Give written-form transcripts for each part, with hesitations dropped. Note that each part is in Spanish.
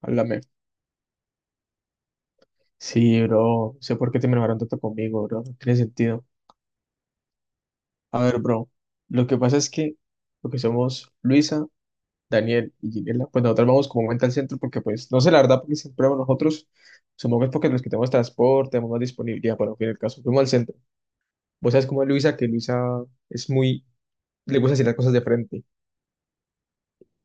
Háblame. Sí, bro. No sé por qué te enojaron tanto conmigo, bro. No tiene sentido. A ver, bro. Lo que pasa es que lo que somos Luisa, Daniel y Ginela, pues nosotros vamos como cuenta al centro porque, pues, no sé la verdad, porque siempre vamos nosotros. Supongo que es porque los que tenemos transporte, tenemos más disponibilidad, pero en fin, el caso, fuimos al centro. Vos sabes cómo es Luisa, que Luisa es muy, le gusta decir las cosas de frente.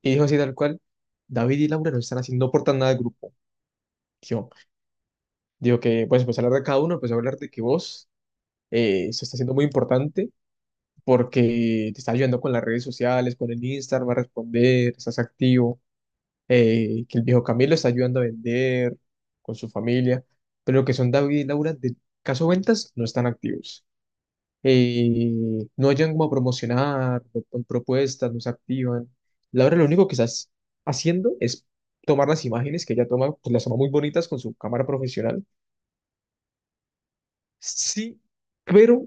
Y dijo así tal cual, David y Laura no están haciendo, no aportan nada al grupo. Yo digo que, pues hablar de cada uno, pues hablar de que vos se está haciendo muy importante porque te está ayudando con las redes sociales, con el Instagram, va a responder, estás activo, que el viejo Camilo está ayudando a vender con su familia, pero lo que son David y Laura de caso ventas no están activos. No hayan como a promocionar, no ponen propuestas, no se activan. Laura lo único que estás haciendo es tomar las imágenes que ella toma, pues las toma muy bonitas con su cámara profesional. Sí, pero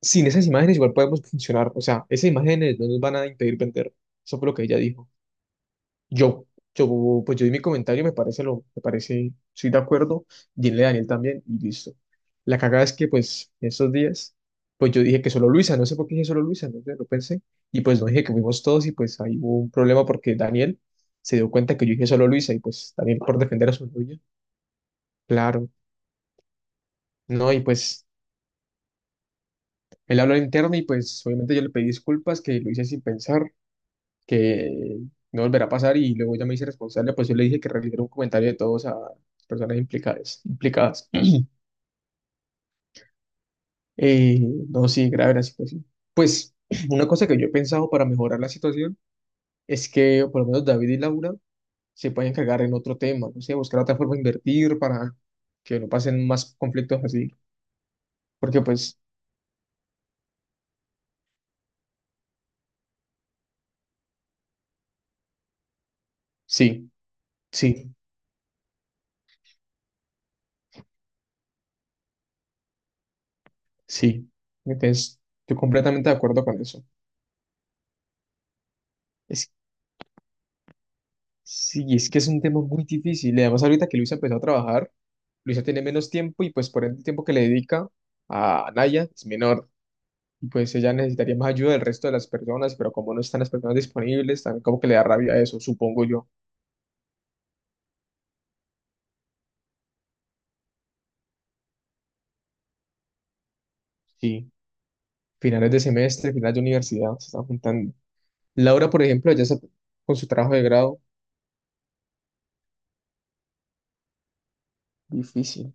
sin esas imágenes igual podemos funcionar. O sea, esas imágenes no nos van a impedir vender. Eso fue lo que ella dijo. Yo, pues yo di mi comentario, me parece lo, me parece, estoy de acuerdo. Dile a Daniel también y listo. La cagada es que, pues, esos días, pues yo dije que solo Luisa, no sé por qué dije solo Luisa, no sé, lo pensé. Y pues no dije que fuimos todos y pues ahí hubo un problema porque Daniel se dio cuenta que yo dije solo Luisa y pues Daniel por defender a su novia. Claro, no, y pues él habló al interno y pues obviamente yo le pedí disculpas que lo hice sin pensar que no volverá a pasar y luego ya me hice responsable, pues yo le dije que realizara un comentario de todos a las personas implicadas, implicadas. Eh, no, sí, grave la situación. Pues una cosa que yo he pensado para mejorar la situación es que por lo menos David y Laura se pueden encargar en otro tema, no sé, buscar otra forma de invertir para que no pasen más conflictos así, porque pues sí, sí, sí. Entonces, estoy completamente de acuerdo con eso. Es Sí, es que es un tema muy difícil. Y además, ahorita que Luisa empezó a trabajar, Luisa tiene menos tiempo y pues por ende el tiempo que le dedica a Naya es menor. Y pues ella necesitaría más ayuda del resto de las personas, pero como no están las personas disponibles, también como que le da rabia eso, supongo yo. Sí, finales de semestre, finales de universidad, se están juntando. Laura, por ejemplo, ella está con su trabajo de grado, difícil.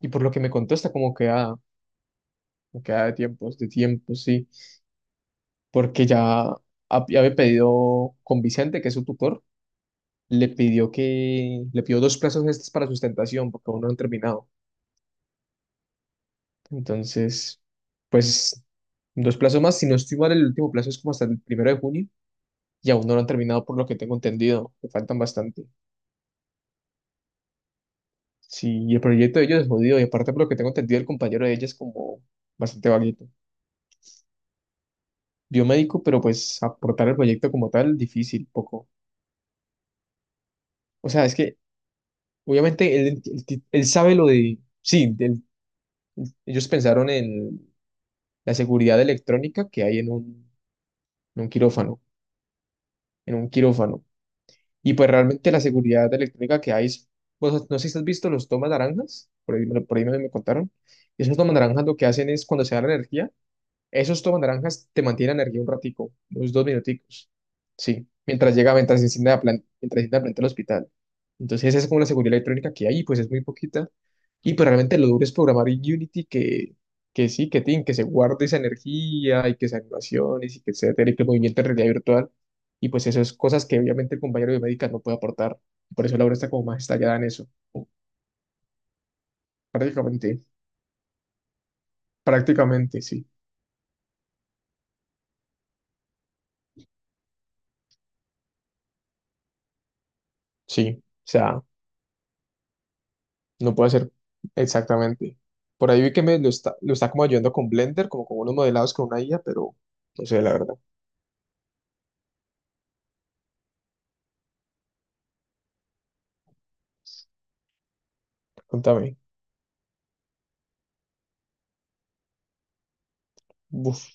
Y por lo que me contó, está como queda, de tiempos, sí. Porque ya ya había pedido con Vicente, que es su tutor, le pidió dos plazos extras para sustentación, porque aún no han terminado. Entonces, pues, dos plazos más. Si no estoy mal, el último plazo es como hasta el primero de junio, y aún no lo han terminado, por lo que tengo entendido, que faltan bastante. Sí, y el proyecto de ellos es jodido, y aparte, por lo que tengo entendido, el compañero de ella es como bastante vaguito. Biomédico, pero pues aportar el proyecto como tal, difícil, poco. O sea, es que obviamente él sabe lo de, sí, del- ellos pensaron en la seguridad electrónica que hay en un quirófano, en un quirófano. Y pues realmente la seguridad electrónica que hay, es- pues, no sé si has visto los tomas naranjas, por ahí, por ahí me contaron, esos tomas naranjas lo que hacen es cuando se da la energía, esos tomas naranjas te mantienen energía un ratico, unos 2 minuticos. Sí, mientras llega, mientras enciende la planta, mientras enciende la planta del hospital. Entonces esa es como la seguridad electrónica que hay, pues es muy poquita. Y pues realmente lo duro es programar en Unity que sí, que tin, que se guarde esa energía y que esas animaciones y que etcétera, y que el movimiento en realidad virtual. Y pues esas cosas que obviamente el compañero biomédica no puede aportar. Por eso la obra está como más estallada en eso. Prácticamente, prácticamente, sí. Sí, o sea, no puede ser exactamente. Por ahí vi que lo está como ayudando con Blender, como con unos modelados con una IA, pero no sé, la verdad. Contame. Uf.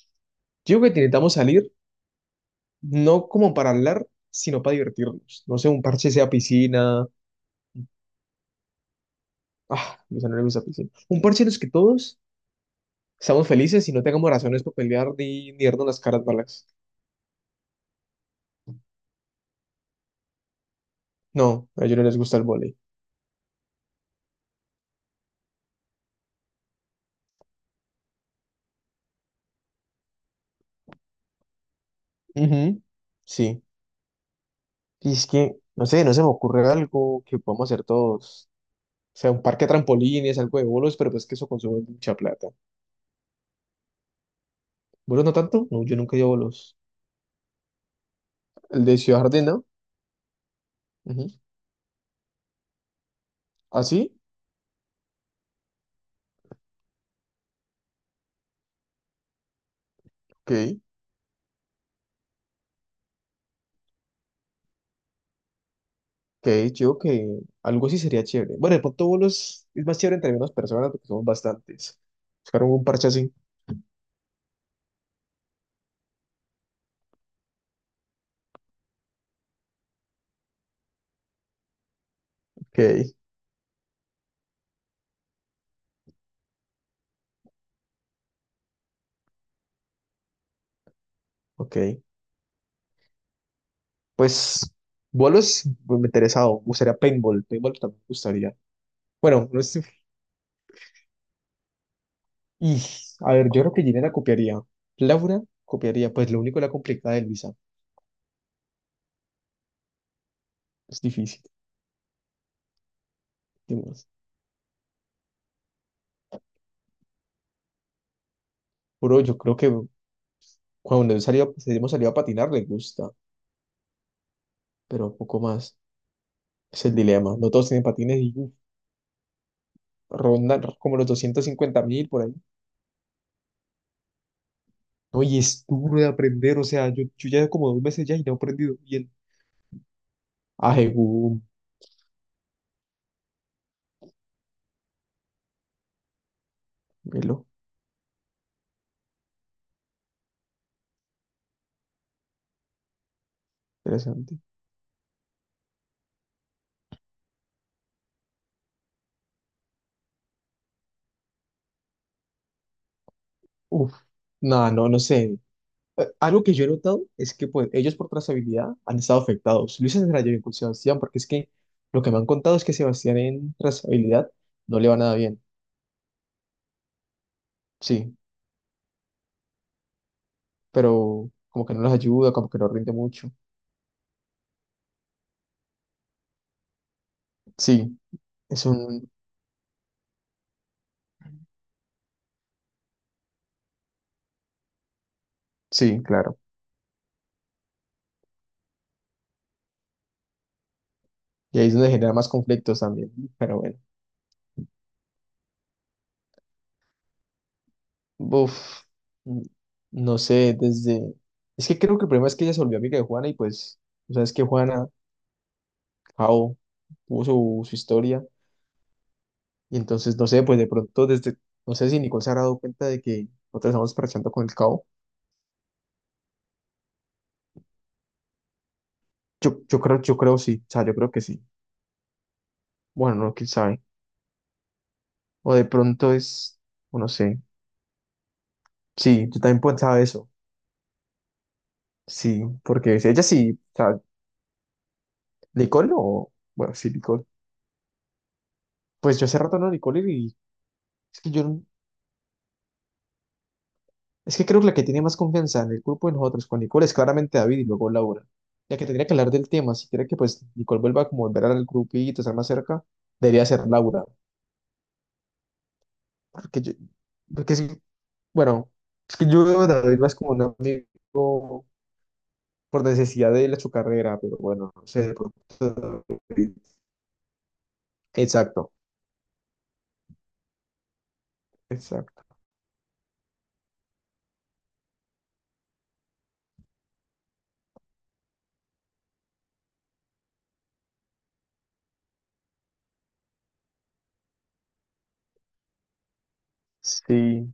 Yo creo que necesitamos salir, no como para hablar, sino para divertirnos. No sé, un parche sea piscina. Ah, a mis amigos a piscina. Un parche en los que todos estamos felices y no tengamos razones para pelear ni darnos las caras malas. No, a ellos no les gusta el vóley. Ujú, sí. Y es que, no sé, no se me ocurre algo que podamos hacer todos. O sea, un parque de trampolines, algo de bolos, pero pues que eso consume mucha plata. ¿Bolos no tanto? No, yo nunca he ido a bolos. El de Ciudad Jardín, ¿no? Ujú. ¿Ah, sí? Ok. Ok, yo creo que algo así sería chévere. Bueno, de pronto bolos es más chévere entre menos personas porque somos bastantes. Buscar un parche así. Ok, ok. Pues bolos, pues, me interesado. Me gustaría paintball. Paintball también me gustaría. Bueno, no sé. Y, a ver, yo creo que Gina la copiaría. Laura copiaría. Pues lo único la complicada de Luisa. Es difícil. Bro, yo creo que cuando él salió, pues, hemos salido a patinar le gusta, pero poco más. Es el dilema. No todos tienen patines y uf, rondan como los 250.000 por ahí. No, y es duro de aprender. O sea, yo ya como 2 meses ya y no he aprendido bien. Ajegú, velo, interesante. Uf, no, no, no sé. Algo que yo he notado es que pues, ellos por trazabilidad han estado afectados. Luis Andrade bien con Sebastián, porque es que lo que me han contado es que Sebastián en trazabilidad no le va nada bien. Sí, pero como que no los ayuda, como que no rinde mucho. Sí, es un, sí, claro. Y ahí es donde genera más conflictos también, pero bueno. Uf, n- no sé, desde... Es que creo que el problema es que ella se volvió amiga de Juana y pues, o sea, es que Juana, Jao, tuvo su historia y entonces, no sé, pues de pronto desde, no sé si Nicole se habrá dado cuenta de que nosotros estamos parchando con el Cao. Yo creo sí, o sea, yo creo que sí. Bueno, no, quién sabe. O de pronto o no sé. Sí, yo también pensaba eso. Sí, porque ella sí, o sea, licor o, bueno, sí, licor. Pues yo hace rato no licor y es que yo, no- es que creo que la que tiene más confianza en el grupo de nosotros con licor es claramente David y luego Laura. Ya que tendría que hablar del tema, si quiere que pues Nicole vuelva como volver al grupito, estar más cerca, debería ser Laura. Porque yo, porque sí, bueno, es que yo veo a David más como un amigo por necesidad de él a su carrera, pero bueno, no sé, de pronto- Exacto, exacto. Sí.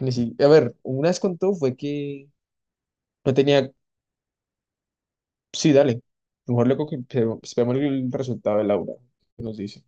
Ni si- A ver, una vez contó fue que no tenía. Sí, dale. Mejor luego que esperemos el resultado de Laura, que nos dice.